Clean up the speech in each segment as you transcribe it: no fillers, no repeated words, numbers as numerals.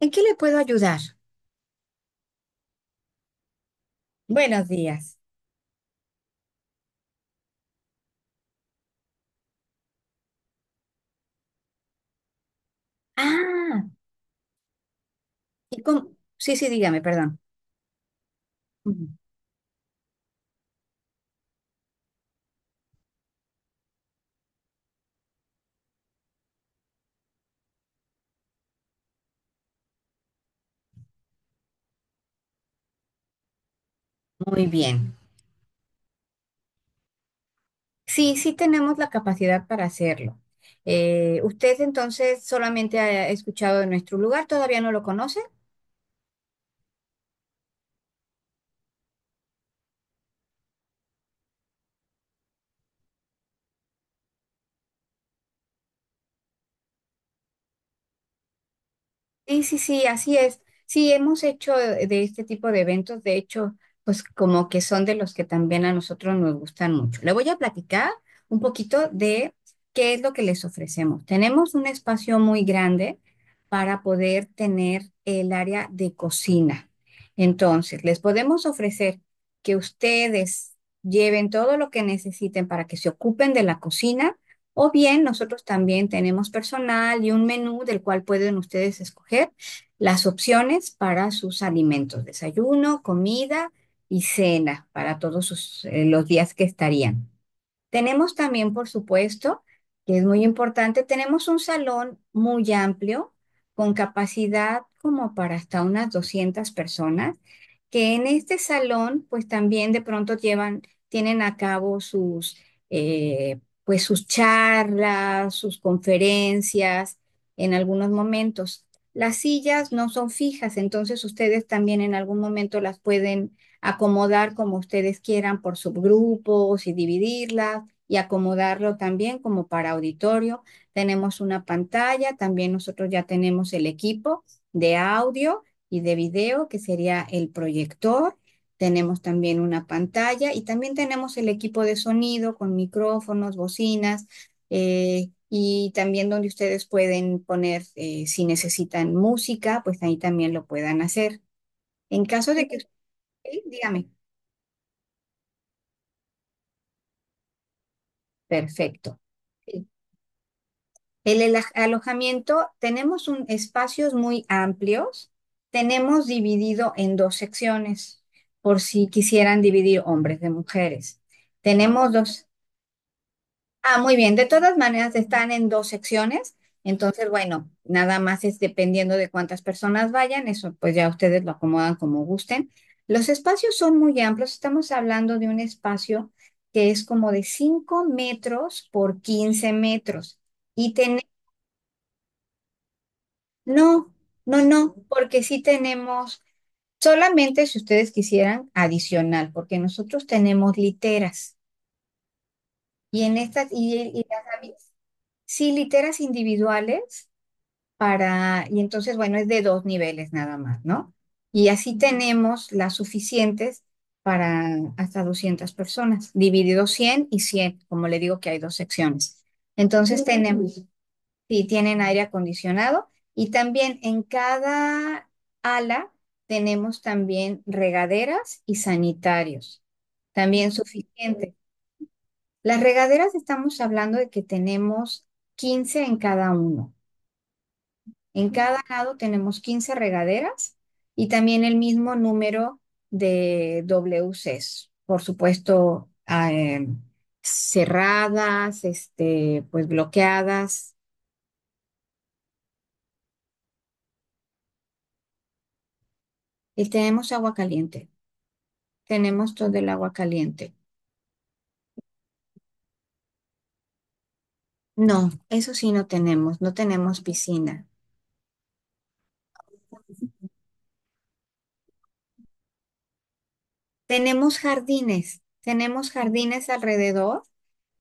¿En qué le puedo ayudar? Buenos días. Ah, sí, sí, dígame, perdón. Ujú. Muy bien. Sí, sí tenemos la capacidad para hacerlo. ¿Usted entonces solamente ha escuchado de nuestro lugar? ¿Todavía no lo conoce? Sí, sí, sí, así es. Sí, hemos hecho de este tipo de eventos, de hecho, pues como que son de los que también a nosotros nos gustan mucho. Le voy a platicar un poquito de qué es lo que les ofrecemos. Tenemos un espacio muy grande para poder tener el área de cocina. Entonces, les podemos ofrecer que ustedes lleven todo lo que necesiten para que se ocupen de la cocina o bien nosotros también tenemos personal y un menú del cual pueden ustedes escoger las opciones para sus alimentos, desayuno, comida y cena para todos sus, los días que estarían. Tenemos también, por supuesto, que es muy importante, tenemos un salón muy amplio con capacidad como para hasta unas 200 personas, que en este salón pues también de pronto llevan, tienen a cabo sus, pues sus charlas, sus conferencias en algunos momentos. Las sillas no son fijas, entonces ustedes también en algún momento las pueden acomodar como ustedes quieran por subgrupos y dividirlas y acomodarlo también como para auditorio. Tenemos una pantalla, también nosotros ya tenemos el equipo de audio y de video, que sería el proyector. Tenemos también una pantalla y también tenemos el equipo de sonido con micrófonos, bocinas, y también donde ustedes pueden poner, si necesitan música, pues ahí también lo puedan hacer. En caso de que, dígame, perfecto. El alojamiento, tenemos un, espacios muy amplios, tenemos dividido en dos secciones, por si quisieran dividir hombres de mujeres. Tenemos dos. Ah, muy bien, de todas maneras están en dos secciones, entonces, bueno, nada más es dependiendo de cuántas personas vayan, eso pues ya ustedes lo acomodan como gusten. Los espacios son muy amplios, estamos hablando de un espacio que es como de 5 metros por 15 metros. Y tenemos no, no, no, porque sí tenemos, solamente si ustedes quisieran, adicional, porque nosotros tenemos literas. Y en estas, y las habi- Sí, literas individuales para, y entonces, bueno, es de dos niveles nada más, ¿no? Y así tenemos las suficientes para hasta 200 personas, dividido 100 y 100, como le digo que hay dos secciones. Entonces tenemos sí, tienen aire acondicionado, y también en cada ala tenemos también regaderas y sanitarios, también suficiente. Las regaderas, estamos hablando de que tenemos 15 en cada uno. En cada lado tenemos 15 regaderas y también el mismo número de WCs, por supuesto, cerradas, este, pues bloqueadas. Y tenemos agua caliente. Tenemos todo el agua caliente. No, eso sí no tenemos, no tenemos piscina. Tenemos jardines alrededor.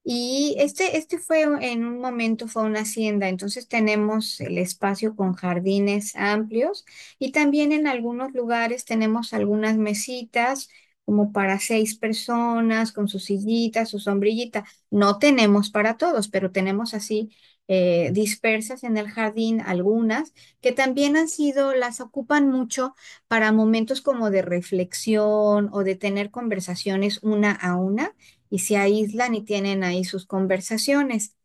Y este fue en un momento fue una hacienda, entonces tenemos el espacio con jardines amplios, y también en algunos lugares tenemos algunas mesitas como para 6 personas con su sillita, su sombrillita. No tenemos para todos, pero tenemos así dispersas en el jardín algunas que también han sido, las ocupan mucho para momentos como de reflexión o de tener conversaciones una a una y se aíslan y tienen ahí sus conversaciones.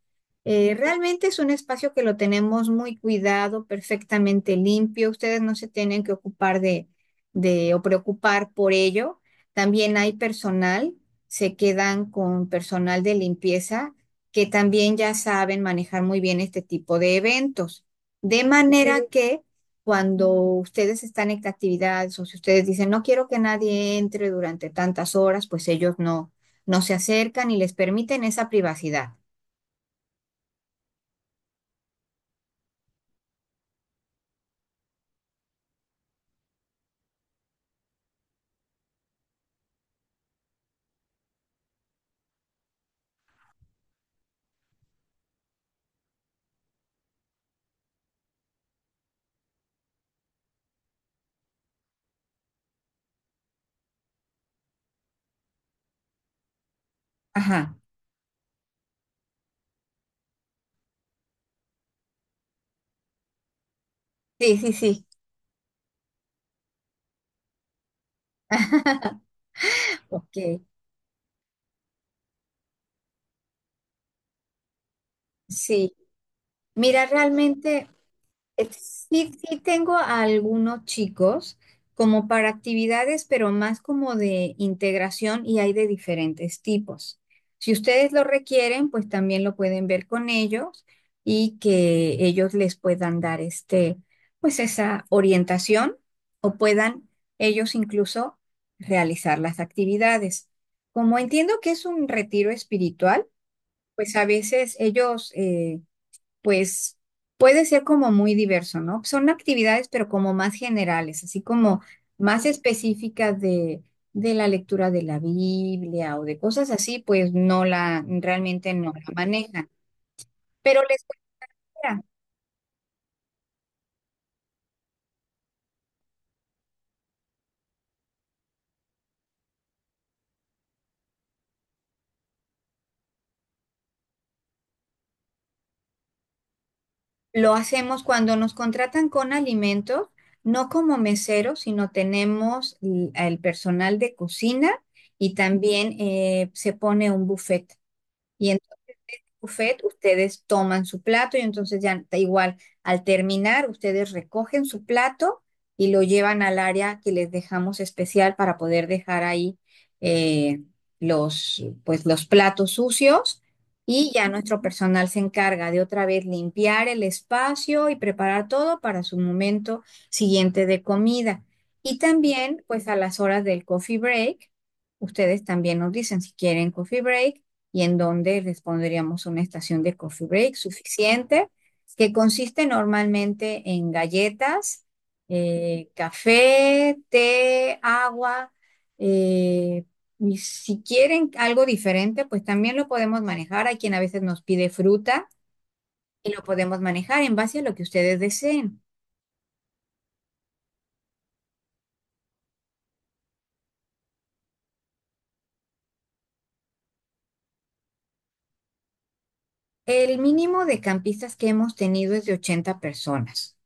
Realmente es un espacio que lo tenemos muy cuidado, perfectamente limpio. Ustedes no se tienen que ocupar de o preocupar por ello. También hay personal, se quedan con personal de limpieza que también ya saben manejar muy bien este tipo de eventos. De manera que cuando ustedes están en actividades o si ustedes dicen no quiero que nadie entre durante tantas horas, pues ellos no se acercan y les permiten esa privacidad. Ajá. Sí, sí, sí. Ok, sí. Mira, realmente, sí, sí tengo a algunos chicos como para actividades, pero más como de integración y hay de diferentes tipos. Si ustedes lo requieren, pues también lo pueden ver con ellos y que ellos les puedan dar este, pues esa orientación, o puedan ellos incluso realizar las actividades. Como entiendo que es un retiro espiritual, pues a veces ellos pues puede ser como muy diverso, ¿no? Son actividades, pero como más generales, así como más específicas de la lectura de la Biblia o de cosas así, pues no la, realmente no la manejan. Pero les cuenta, lo hacemos cuando nos contratan con alimentos, no como meseros, sino tenemos el personal de cocina, y también se pone un buffet. Y buffet, ustedes toman su plato y entonces ya da igual, al terminar, ustedes recogen su plato y lo llevan al área que les dejamos especial para poder dejar ahí eh, los, pues, los platos sucios, y ya nuestro personal se encarga de otra vez limpiar el espacio y preparar todo para su momento siguiente de comida. Y también, pues a las horas del coffee break, ustedes también nos dicen si quieren coffee break y en donde les pondríamos una estación de coffee break suficiente, que consiste normalmente en galletas, café, té, agua, eh, y si quieren algo diferente, pues también lo podemos manejar. Hay quien a veces nos pide fruta y lo podemos manejar en base a lo que ustedes deseen. El mínimo de campistas que hemos tenido es de 80 personas.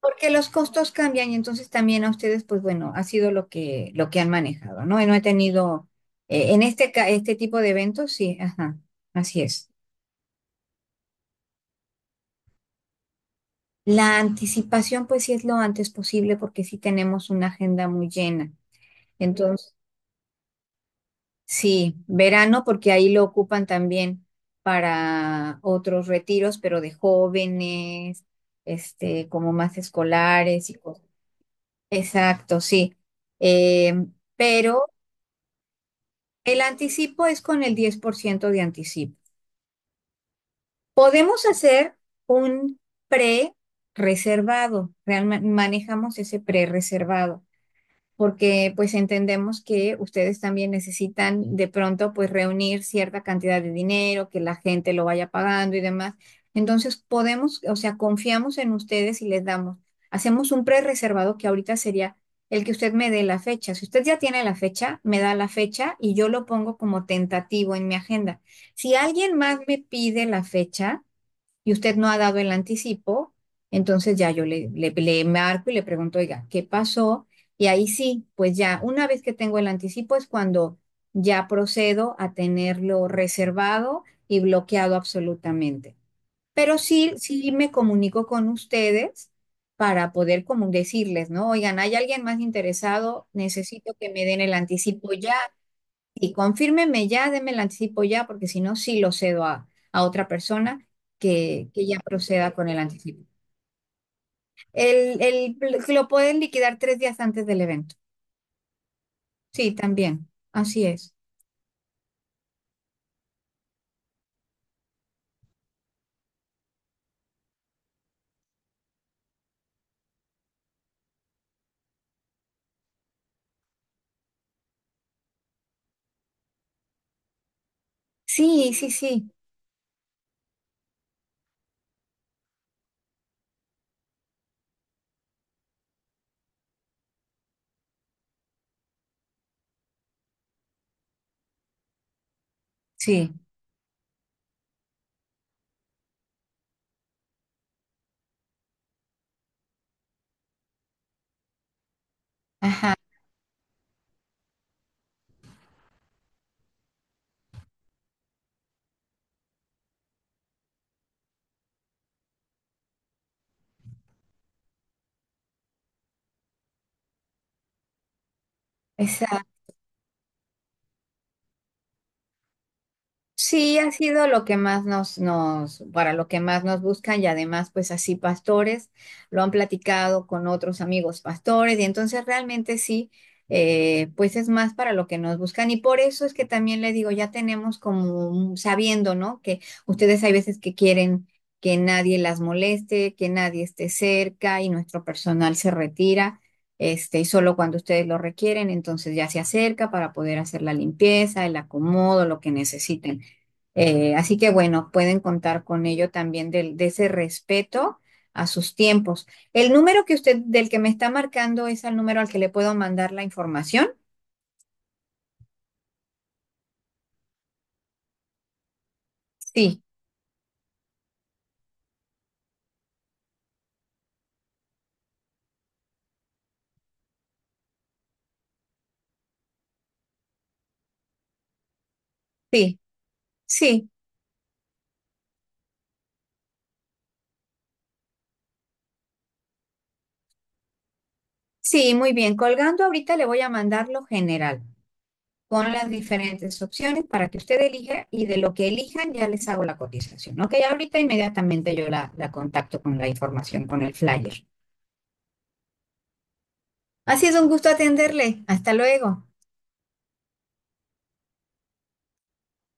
Porque los costos cambian y entonces también a ustedes, pues bueno, ha sido lo que han manejado, ¿no? Y no he tenido, este tipo de eventos, sí, ajá, así es. La anticipación, pues sí es lo antes posible porque sí tenemos una agenda muy llena. Entonces, sí, verano porque ahí lo ocupan también para otros retiros, pero de jóvenes, este, como más escolares y cosas. Exacto, sí. Pero el anticipo es con el 10 por ciento de anticipo. Podemos hacer un pre-reservado, manejamos ese pre-reservado porque pues entendemos que ustedes también necesitan de pronto pues reunir cierta cantidad de dinero, que la gente lo vaya pagando y demás. Entonces podemos, o sea, confiamos en ustedes y les damos, hacemos un pre-reservado que ahorita sería el que usted me dé la fecha. Si usted ya tiene la fecha, me da la fecha y yo lo pongo como tentativo en mi agenda. Si alguien más me pide la fecha, y usted no ha dado el anticipo, entonces ya yo le marco y le pregunto, oiga, ¿qué pasó? Y ahí sí, pues ya, una vez que tengo el anticipo es cuando ya procedo a tenerlo reservado y bloqueado absolutamente. Pero sí, sí me comunico con ustedes para poder como decirles, ¿no? Oigan, ¿hay alguien más interesado? Necesito que me den el anticipo ya. Y confírmeme ya, deme el anticipo ya, porque si no, sí lo cedo a, otra persona que ya proceda con el anticipo. El, el- lo pueden liquidar 3 días antes del evento. Sí, también. Así es. Sí, sí, sí, sí. Ajá. Sí, ha sido lo que más para lo que más nos buscan, y además pues así pastores lo han platicado con otros amigos pastores, y entonces realmente sí, pues es más para lo que nos buscan, y por eso es que también le digo, ya tenemos como sabiendo, ¿no? Que ustedes hay veces que quieren que nadie las moleste, que nadie esté cerca y nuestro personal se retira. Este, y solo cuando ustedes lo requieren, entonces ya se acerca para poder hacer la limpieza, el acomodo, lo que necesiten. Así que bueno, pueden contar con ello también de ese respeto a sus tiempos. El número que usted, del que me está marcando, es el número al que le puedo mandar la información. Sí, sí, sí, sí, muy bien. Colgando ahorita le voy a mandar lo general con las diferentes opciones para que usted elija y de lo que elijan ya les hago la cotización. Ok, ahorita inmediatamente yo la contacto con la información, con el flyer. Ha sido un gusto atenderle. Hasta luego.